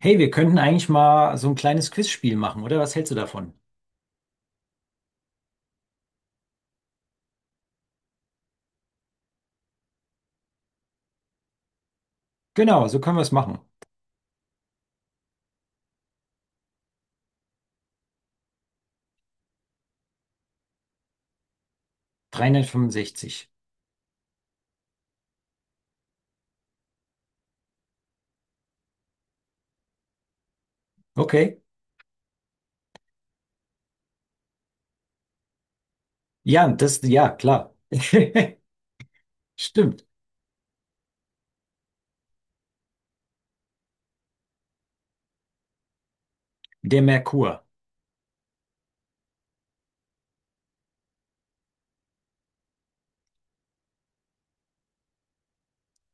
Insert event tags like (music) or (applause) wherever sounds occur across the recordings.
Hey, wir könnten eigentlich mal so ein kleines Quizspiel machen, oder? Was hältst du davon? Genau, so können wir es machen. 365. Okay. Ja, das, ja, klar. (laughs) Stimmt. Der Merkur.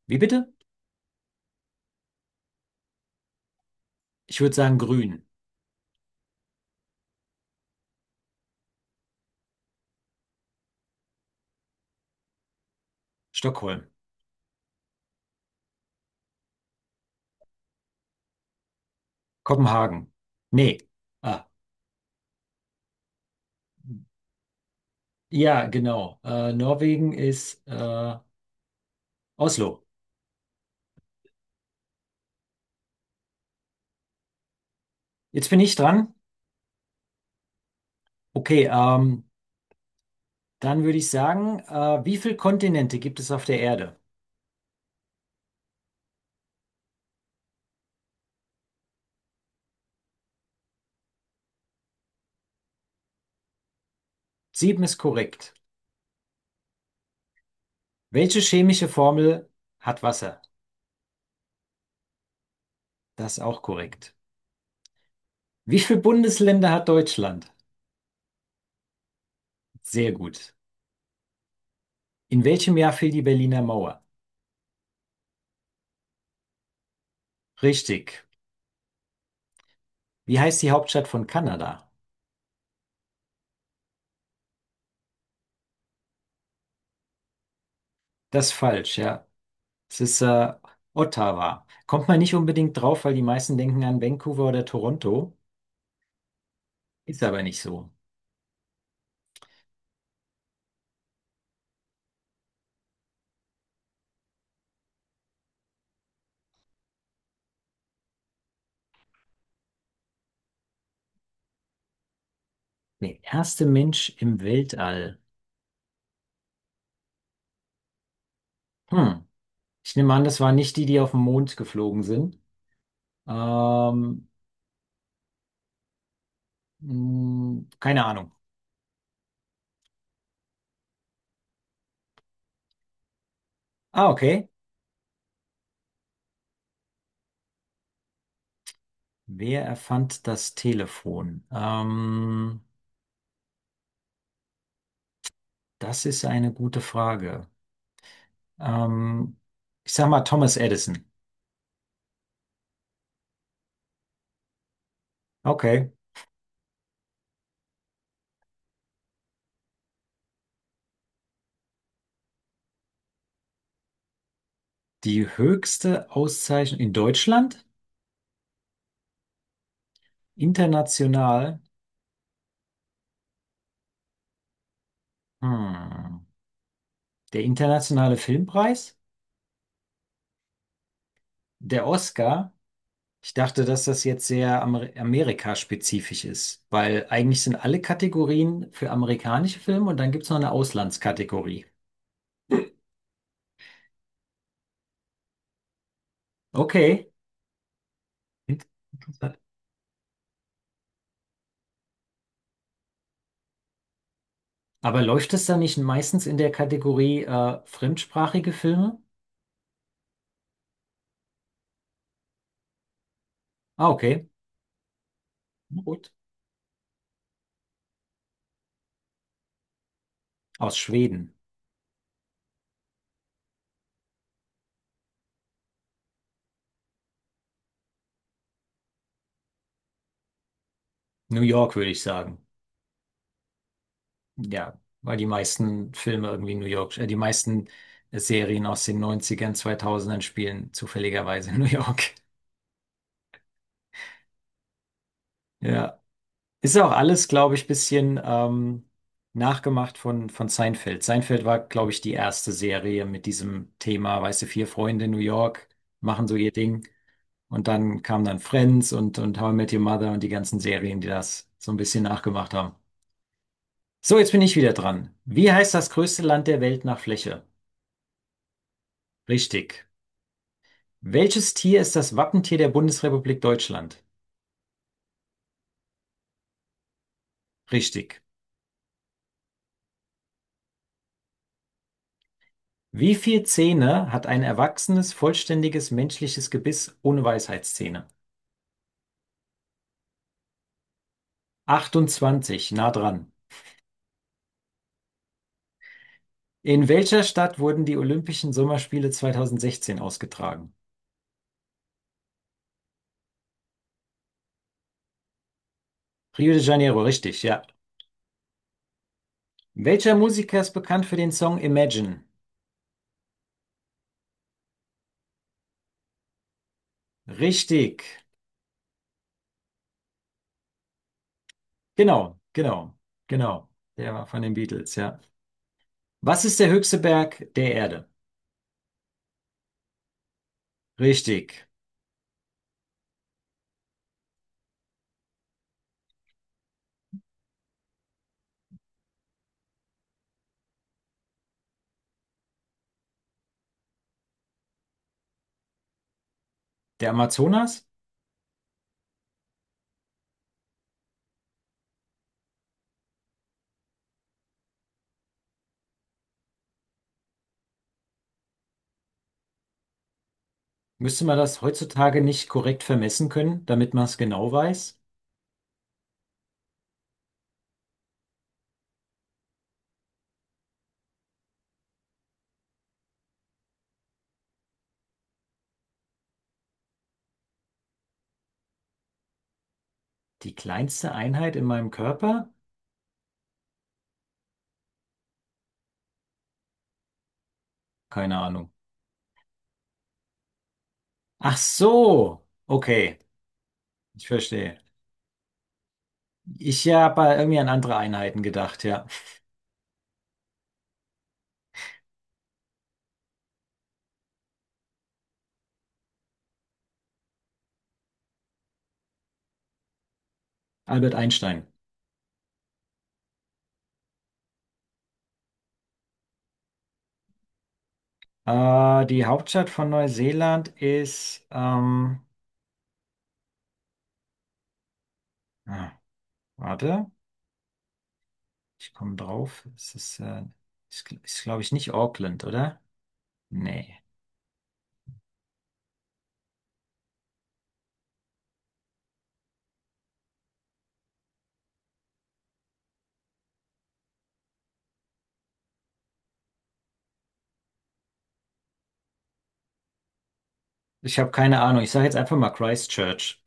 Wie bitte? Ich würde sagen grün. Stockholm. Kopenhagen. Nee. Ah, ja, genau. Norwegen ist Oslo. Jetzt bin ich dran. Okay, dann würde ich sagen, wie viele Kontinente gibt es auf der Erde? Sieben ist korrekt. Welche chemische Formel hat Wasser? Das ist auch korrekt. Wie viele Bundesländer hat Deutschland? Sehr gut. In welchem Jahr fiel die Berliner Mauer? Richtig. Wie heißt die Hauptstadt von Kanada? Das ist falsch, ja. Es ist Ottawa. Kommt man nicht unbedingt drauf, weil die meisten denken an Vancouver oder Toronto. Ist aber nicht so. Der erste Mensch im Weltall. Hm. Ich nehme an, das waren nicht die, die auf den Mond geflogen sind. Ähm, keine Ahnung. Ah, okay. Wer erfand das Telefon? Das ist eine gute Frage. Ähm, ich sag mal Thomas Edison. Okay. Die höchste Auszeichnung in Deutschland? International? Hm. Der internationale Filmpreis? Der Oscar? Ich dachte, dass das jetzt sehr Amerika-spezifisch ist, weil eigentlich sind alle Kategorien für amerikanische Filme und dann gibt es noch eine Auslandskategorie. Okay. Aber läuft es dann nicht meistens in der Kategorie fremdsprachige Filme? Ah, okay. Na gut. Aus Schweden. New York, würde ich sagen. Ja, weil die meisten Filme irgendwie New York, die meisten Serien aus den Neunzigern, Zweitausendern spielen zufälligerweise in New York. (laughs) Ja. Ist auch alles, glaube ich, bisschen nachgemacht von Seinfeld. Seinfeld war, glaube ich, die erste Serie mit diesem Thema, weißt du, vier Freunde in New York machen so ihr Ding. Und dann kam dann Friends und How I Met Your Mother und die ganzen Serien, die das so ein bisschen nachgemacht haben. So, jetzt bin ich wieder dran. Wie heißt das größte Land der Welt nach Fläche? Richtig. Welches Tier ist das Wappentier der Bundesrepublik Deutschland? Richtig. Wie viele Zähne hat ein erwachsenes, vollständiges menschliches Gebiss ohne Weisheitszähne? 28, nah dran. In welcher Stadt wurden die Olympischen Sommerspiele 2016 ausgetragen? Rio de Janeiro, richtig, ja. Welcher Musiker ist bekannt für den Song Imagine? Richtig. Genau, genau, genau. Der war von den Beatles, ja. Was ist der höchste Berg der Erde? Richtig. Der Amazonas? Müsste man das heutzutage nicht korrekt vermessen können, damit man es genau weiß? Die kleinste Einheit in meinem Körper? Keine Ahnung. Ach so. Okay, ich verstehe. Ich habe irgendwie an andere Einheiten gedacht, ja. Albert Einstein. Die Hauptstadt von Neuseeland ist, ah, warte, ich komme drauf. Es ist glaube ich nicht Auckland, oder? Nee. Ich habe keine Ahnung. Ich sage jetzt einfach mal Christchurch.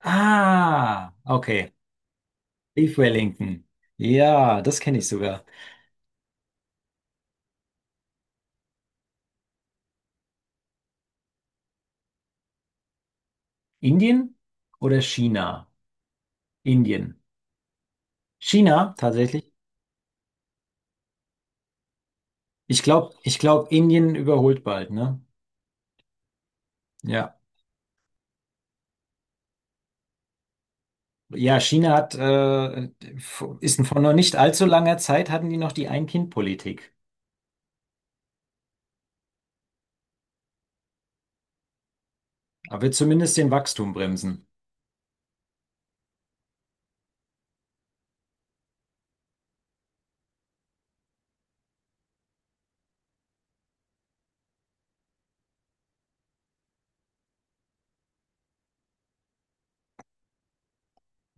Ah, okay. Leave Wellington. Ja, das kenne ich sogar. Indien oder China? Indien. China, tatsächlich. Ich glaube, Indien überholt bald, ne? Ja. Ja, China ist vor noch nicht allzu langer Zeit, hatten die noch die Ein-Kind-Politik. Aber wird zumindest den Wachstum bremsen.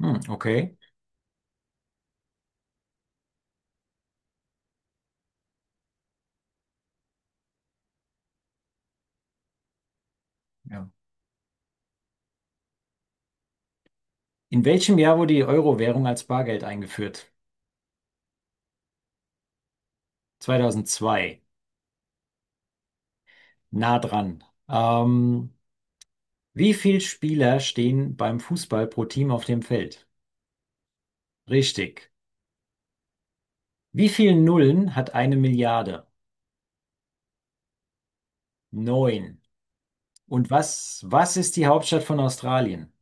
Hm, okay. Ja. In welchem Jahr wurde die Euro-Währung als Bargeld eingeführt? 2002. Nah dran. Ähm, wie viele Spieler stehen beim Fußball pro Team auf dem Feld? Richtig. Wie viele Nullen hat eine Milliarde? Neun. Und was, was ist die Hauptstadt von Australien?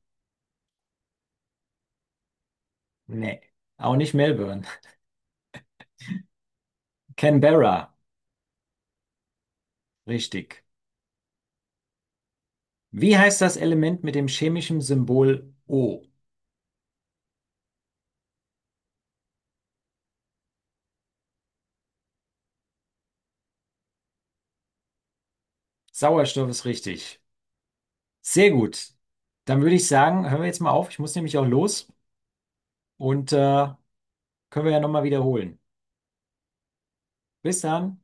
Nee. Auch nicht Melbourne. (laughs) Canberra. Richtig. Wie heißt das Element mit dem chemischen Symbol O? Sauerstoff ist richtig. Sehr gut. Dann würde ich sagen, hören wir jetzt mal auf. Ich muss nämlich auch los und können wir ja nochmal wiederholen. Bis dann.